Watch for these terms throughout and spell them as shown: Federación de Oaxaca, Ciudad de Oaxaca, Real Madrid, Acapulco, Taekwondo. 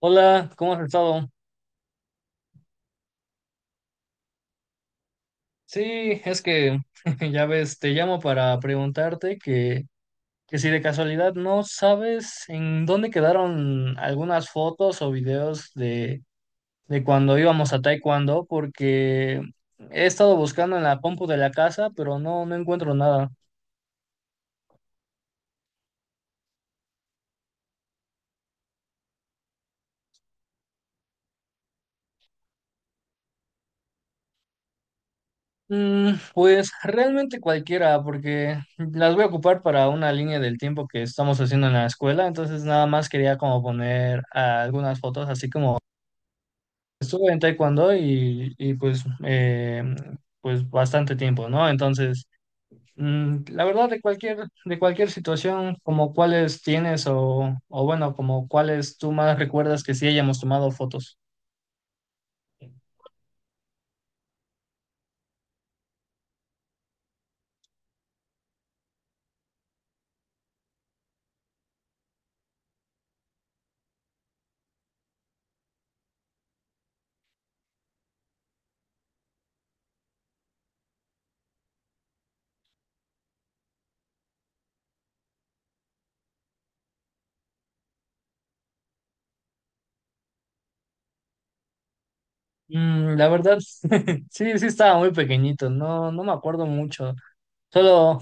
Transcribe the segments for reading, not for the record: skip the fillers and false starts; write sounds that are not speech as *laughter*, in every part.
Hola, ¿cómo has estado? Sí, es que *laughs* ya ves, te llamo para preguntarte que si de casualidad no sabes en dónde quedaron algunas fotos o videos de cuando íbamos a Taekwondo, porque he estado buscando en la compu de la casa, pero no encuentro nada. Pues realmente cualquiera, porque las voy a ocupar para una línea del tiempo que estamos haciendo en la escuela, entonces nada más quería como poner algunas fotos así como estuve en taekwondo y, pues bastante tiempo, ¿no? Entonces, la verdad de cualquier situación, como cuáles tienes o bueno, como cuáles tú más recuerdas que sí hayamos tomado fotos. La verdad, *laughs* sí, sí estaba muy pequeñito, no me acuerdo mucho. Solo,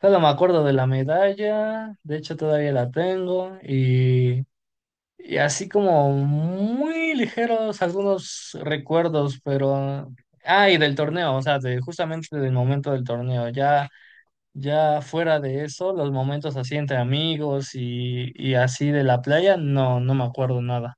solo me acuerdo de la medalla, de hecho todavía la tengo. Y así como muy ligeros algunos recuerdos, pero. Ah, y del torneo, o sea, justamente del momento del torneo. Ya, ya fuera de eso, los momentos así entre amigos y así de la playa, no me acuerdo nada.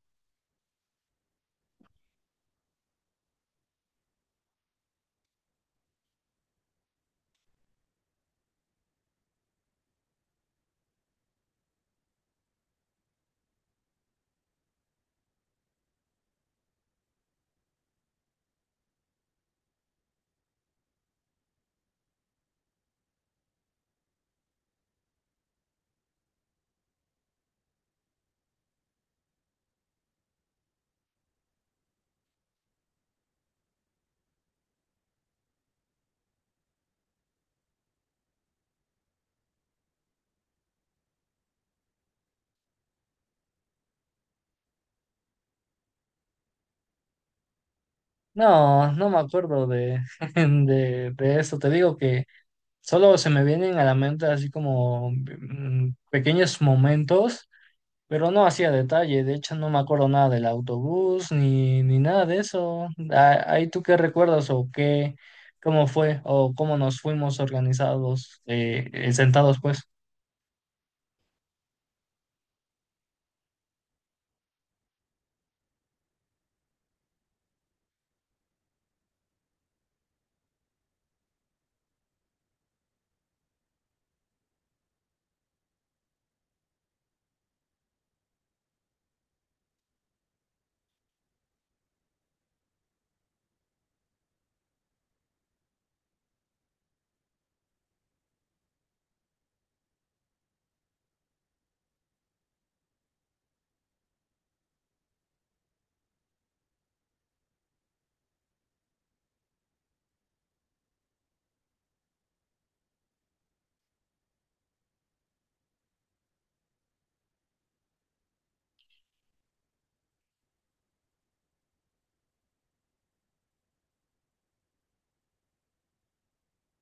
No me acuerdo de, *laughs* de eso. Te digo que solo se me vienen a la mente así como pequeños momentos. Pero no hacía detalle, de hecho no me acuerdo nada del autobús ni nada de eso. Ah, ahí tú qué recuerdas o qué, cómo fue o cómo nos fuimos organizados, sentados pues.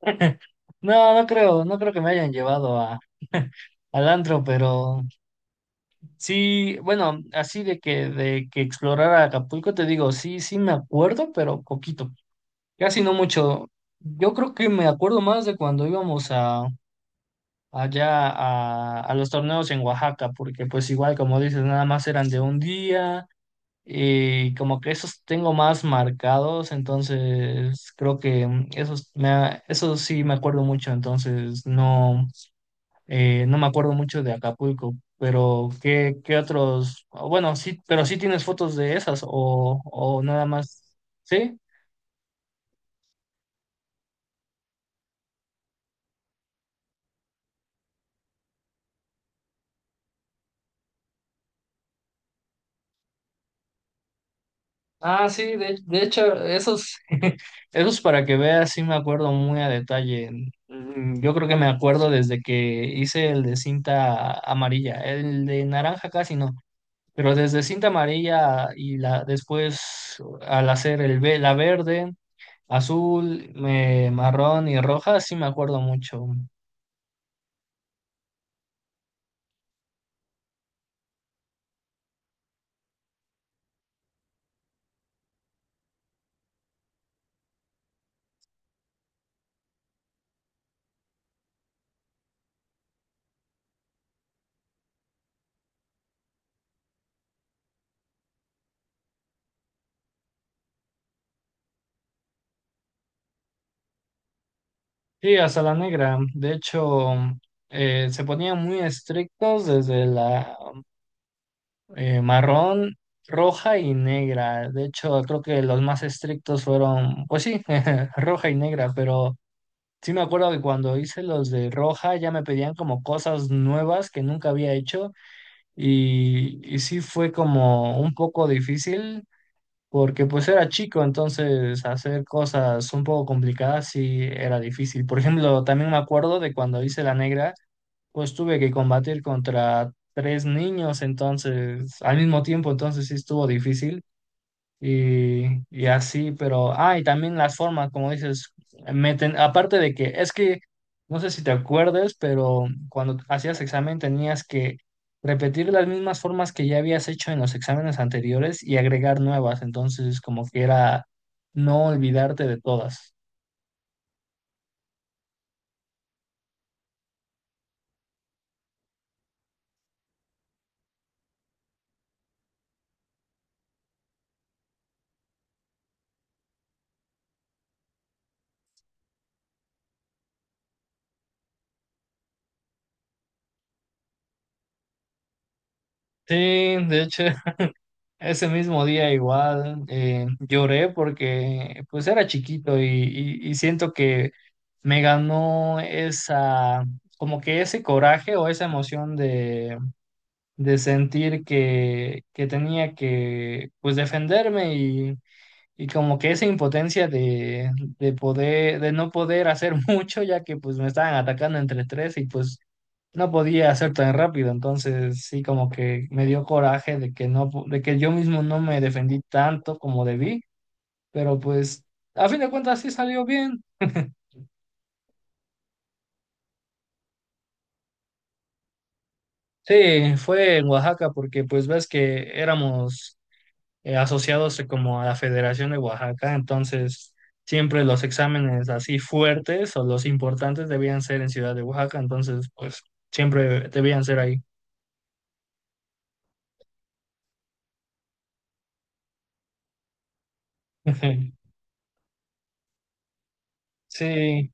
*laughs* No, no creo, no creo que me hayan llevado a, *laughs* al antro, pero sí, bueno, así de que explorara Acapulco, te digo, sí, sí me acuerdo, pero poquito, casi no mucho. Yo creo que me acuerdo más de cuando íbamos allá a los torneos en Oaxaca, porque pues igual como dices, nada más eran de un día y como que esos tengo más marcados, entonces creo que esos sí me acuerdo mucho, entonces no me acuerdo mucho de Acapulco. Pero, ¿qué otros? Bueno, sí, pero sí tienes fotos de esas o nada más, ¿sí? Ah, sí, de hecho, esos, *laughs* esos para que veas, sí me acuerdo muy a detalle. Yo creo que me acuerdo desde que hice el de cinta amarilla, el de naranja casi no, pero desde cinta amarilla y después al hacer la verde, azul, marrón y roja, sí me acuerdo mucho. Sí, hasta la negra. De hecho, se ponían muy estrictos desde la marrón, roja y negra. De hecho, creo que los más estrictos fueron, pues sí, *laughs* roja y negra, pero sí me acuerdo que cuando hice los de roja ya me pedían como cosas nuevas que nunca había hecho y sí fue como un poco difícil. Porque pues era chico, entonces hacer cosas un poco complicadas sí era difícil. Por ejemplo, también me acuerdo de cuando hice la negra, pues tuve que combatir contra tres niños, entonces, al mismo tiempo, entonces sí estuvo difícil y así, pero, y también las formas, como dices, meten, aparte de que, es que, no sé si te acuerdes, pero cuando hacías examen tenías que repetir las mismas formas que ya habías hecho en los exámenes anteriores y agregar nuevas, entonces como que era no olvidarte de todas. Sí, de hecho, *laughs* ese mismo día igual lloré porque pues era chiquito y siento que me ganó esa, como que ese coraje o esa emoción de sentir que tenía que pues defenderme y como que esa impotencia de no poder hacer *laughs* mucho ya que pues me estaban atacando entre tres y pues no podía hacer tan rápido, entonces sí como que me dio coraje de que no, de que yo mismo no me defendí tanto como debí, pero pues a fin de cuentas sí salió bien. Sí, fue en Oaxaca porque pues ves que éramos asociados como a la Federación de Oaxaca, entonces siempre los exámenes así fuertes o los importantes debían ser en Ciudad de Oaxaca, entonces pues siempre debían ser ahí. *laughs* Sí,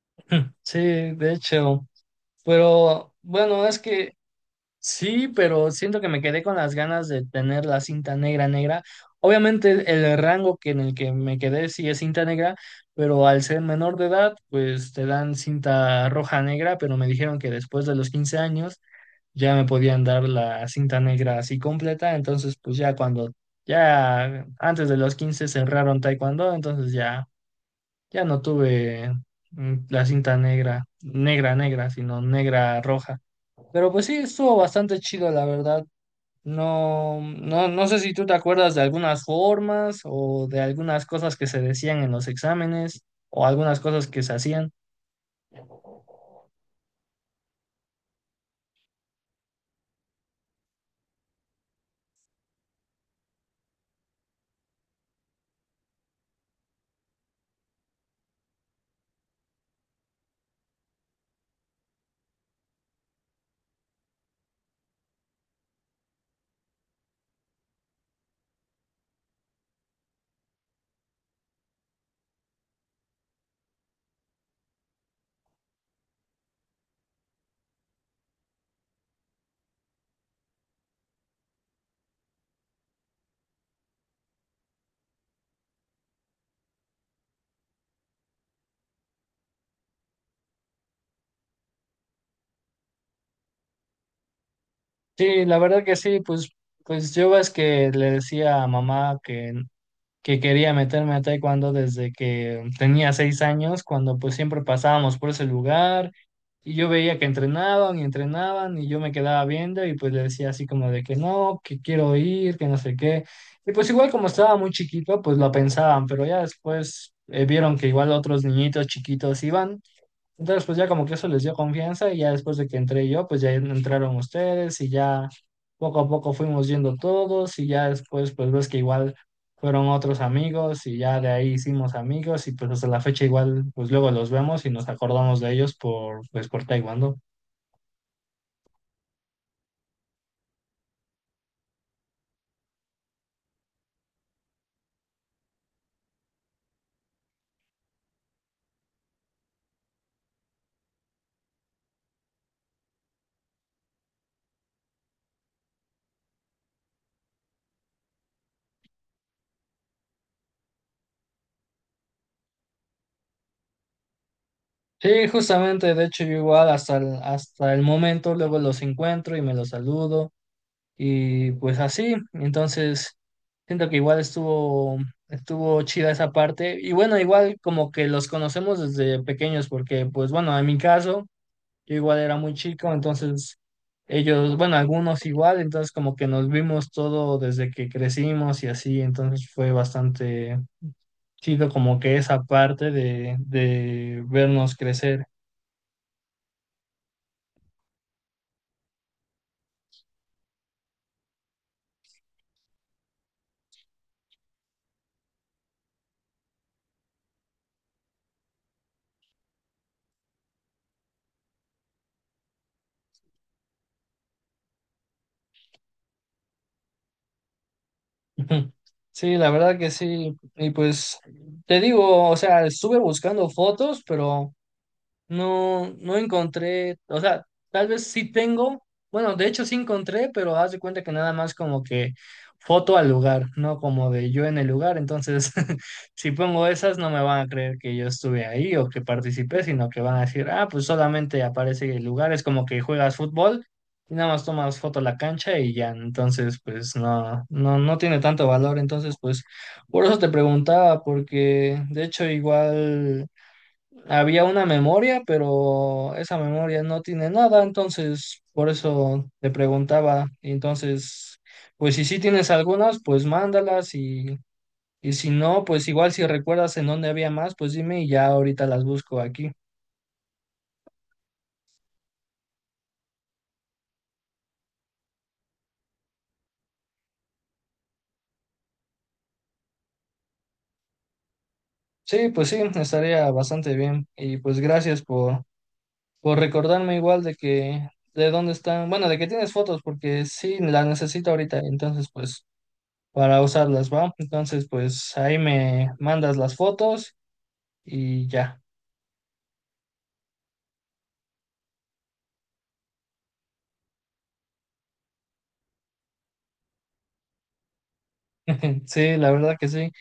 *clears throat* *laughs* sí, de hecho. Pero bueno, es que sí, pero siento que me quedé con las ganas de tener la cinta negra negra. Obviamente el rango que en el que me quedé sí es cinta negra, pero al ser menor de edad, pues te dan cinta roja negra, pero me dijeron que después de los 15 años ya me podían dar la cinta negra así completa, entonces pues ya cuando ya antes de los 15 cerraron taekwondo, entonces ya ya no tuve la cinta negra, negra negra, sino negra roja. Pero pues sí, estuvo bastante chido, la verdad. No, no, no sé si tú te acuerdas de algunas formas o de algunas cosas que se decían en los exámenes o algunas cosas que se hacían. Sí, la verdad que sí, pues, yo ves que le decía a mamá que quería meterme a taekwondo desde que tenía 6 años, cuando pues siempre pasábamos por ese lugar y yo veía que entrenaban y entrenaban y yo me quedaba viendo y pues le decía así como de que no, que quiero ir, que no sé qué. Y pues igual como estaba muy chiquito, pues lo pensaban, pero ya después vieron que igual otros niñitos chiquitos iban entonces, pues ya como que eso les dio confianza y ya después de que entré yo, pues ya entraron ustedes y ya poco a poco fuimos yendo todos y ya después pues ves que igual fueron otros amigos y ya de ahí hicimos amigos y pues hasta la fecha igual pues luego los vemos y nos acordamos de ellos por pues por Taekwondo. Sí, justamente, de hecho yo igual hasta el momento luego los encuentro y me los saludo. Y pues así, entonces siento que igual estuvo, estuvo chida esa parte. Y bueno, igual como que los conocemos desde pequeños, porque pues bueno, en mi caso, yo igual era muy chico, entonces ellos, bueno, algunos igual, entonces como que nos vimos todo desde que crecimos y así, entonces fue bastante chido como que esa parte de vernos crecer. *laughs* Sí, la verdad que sí. Y pues te digo, o sea, estuve buscando fotos, pero. No, no encontré, o sea, tal vez sí tengo, bueno, de hecho sí encontré, pero haz de cuenta que nada más como que foto al lugar, no como de yo en el lugar, entonces *laughs* si pongo esas no me van a creer que yo estuve ahí o que participé, sino que van a decir, ah, pues solamente aparece el lugar, es como que juegas fútbol y nada más tomas foto a la cancha y ya, entonces pues no tiene tanto valor, entonces pues por eso te preguntaba, porque de hecho igual había una memoria, pero esa memoria no tiene nada, entonces por eso te preguntaba. Entonces, pues si sí tienes algunas, pues mándalas y si no, pues igual si recuerdas en dónde había más, pues dime y ya ahorita las busco aquí. Sí, pues sí, estaría bastante bien. Y pues gracias por recordarme igual de dónde están, bueno, de que tienes fotos, porque sí, las necesito ahorita, entonces pues para usarlas, ¿va? Entonces pues ahí me mandas las fotos. Y ya. *laughs* Sí, la verdad que sí.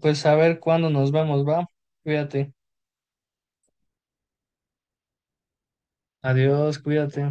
Pues a ver cuándo nos vemos, va. Cuídate. Adiós, cuídate.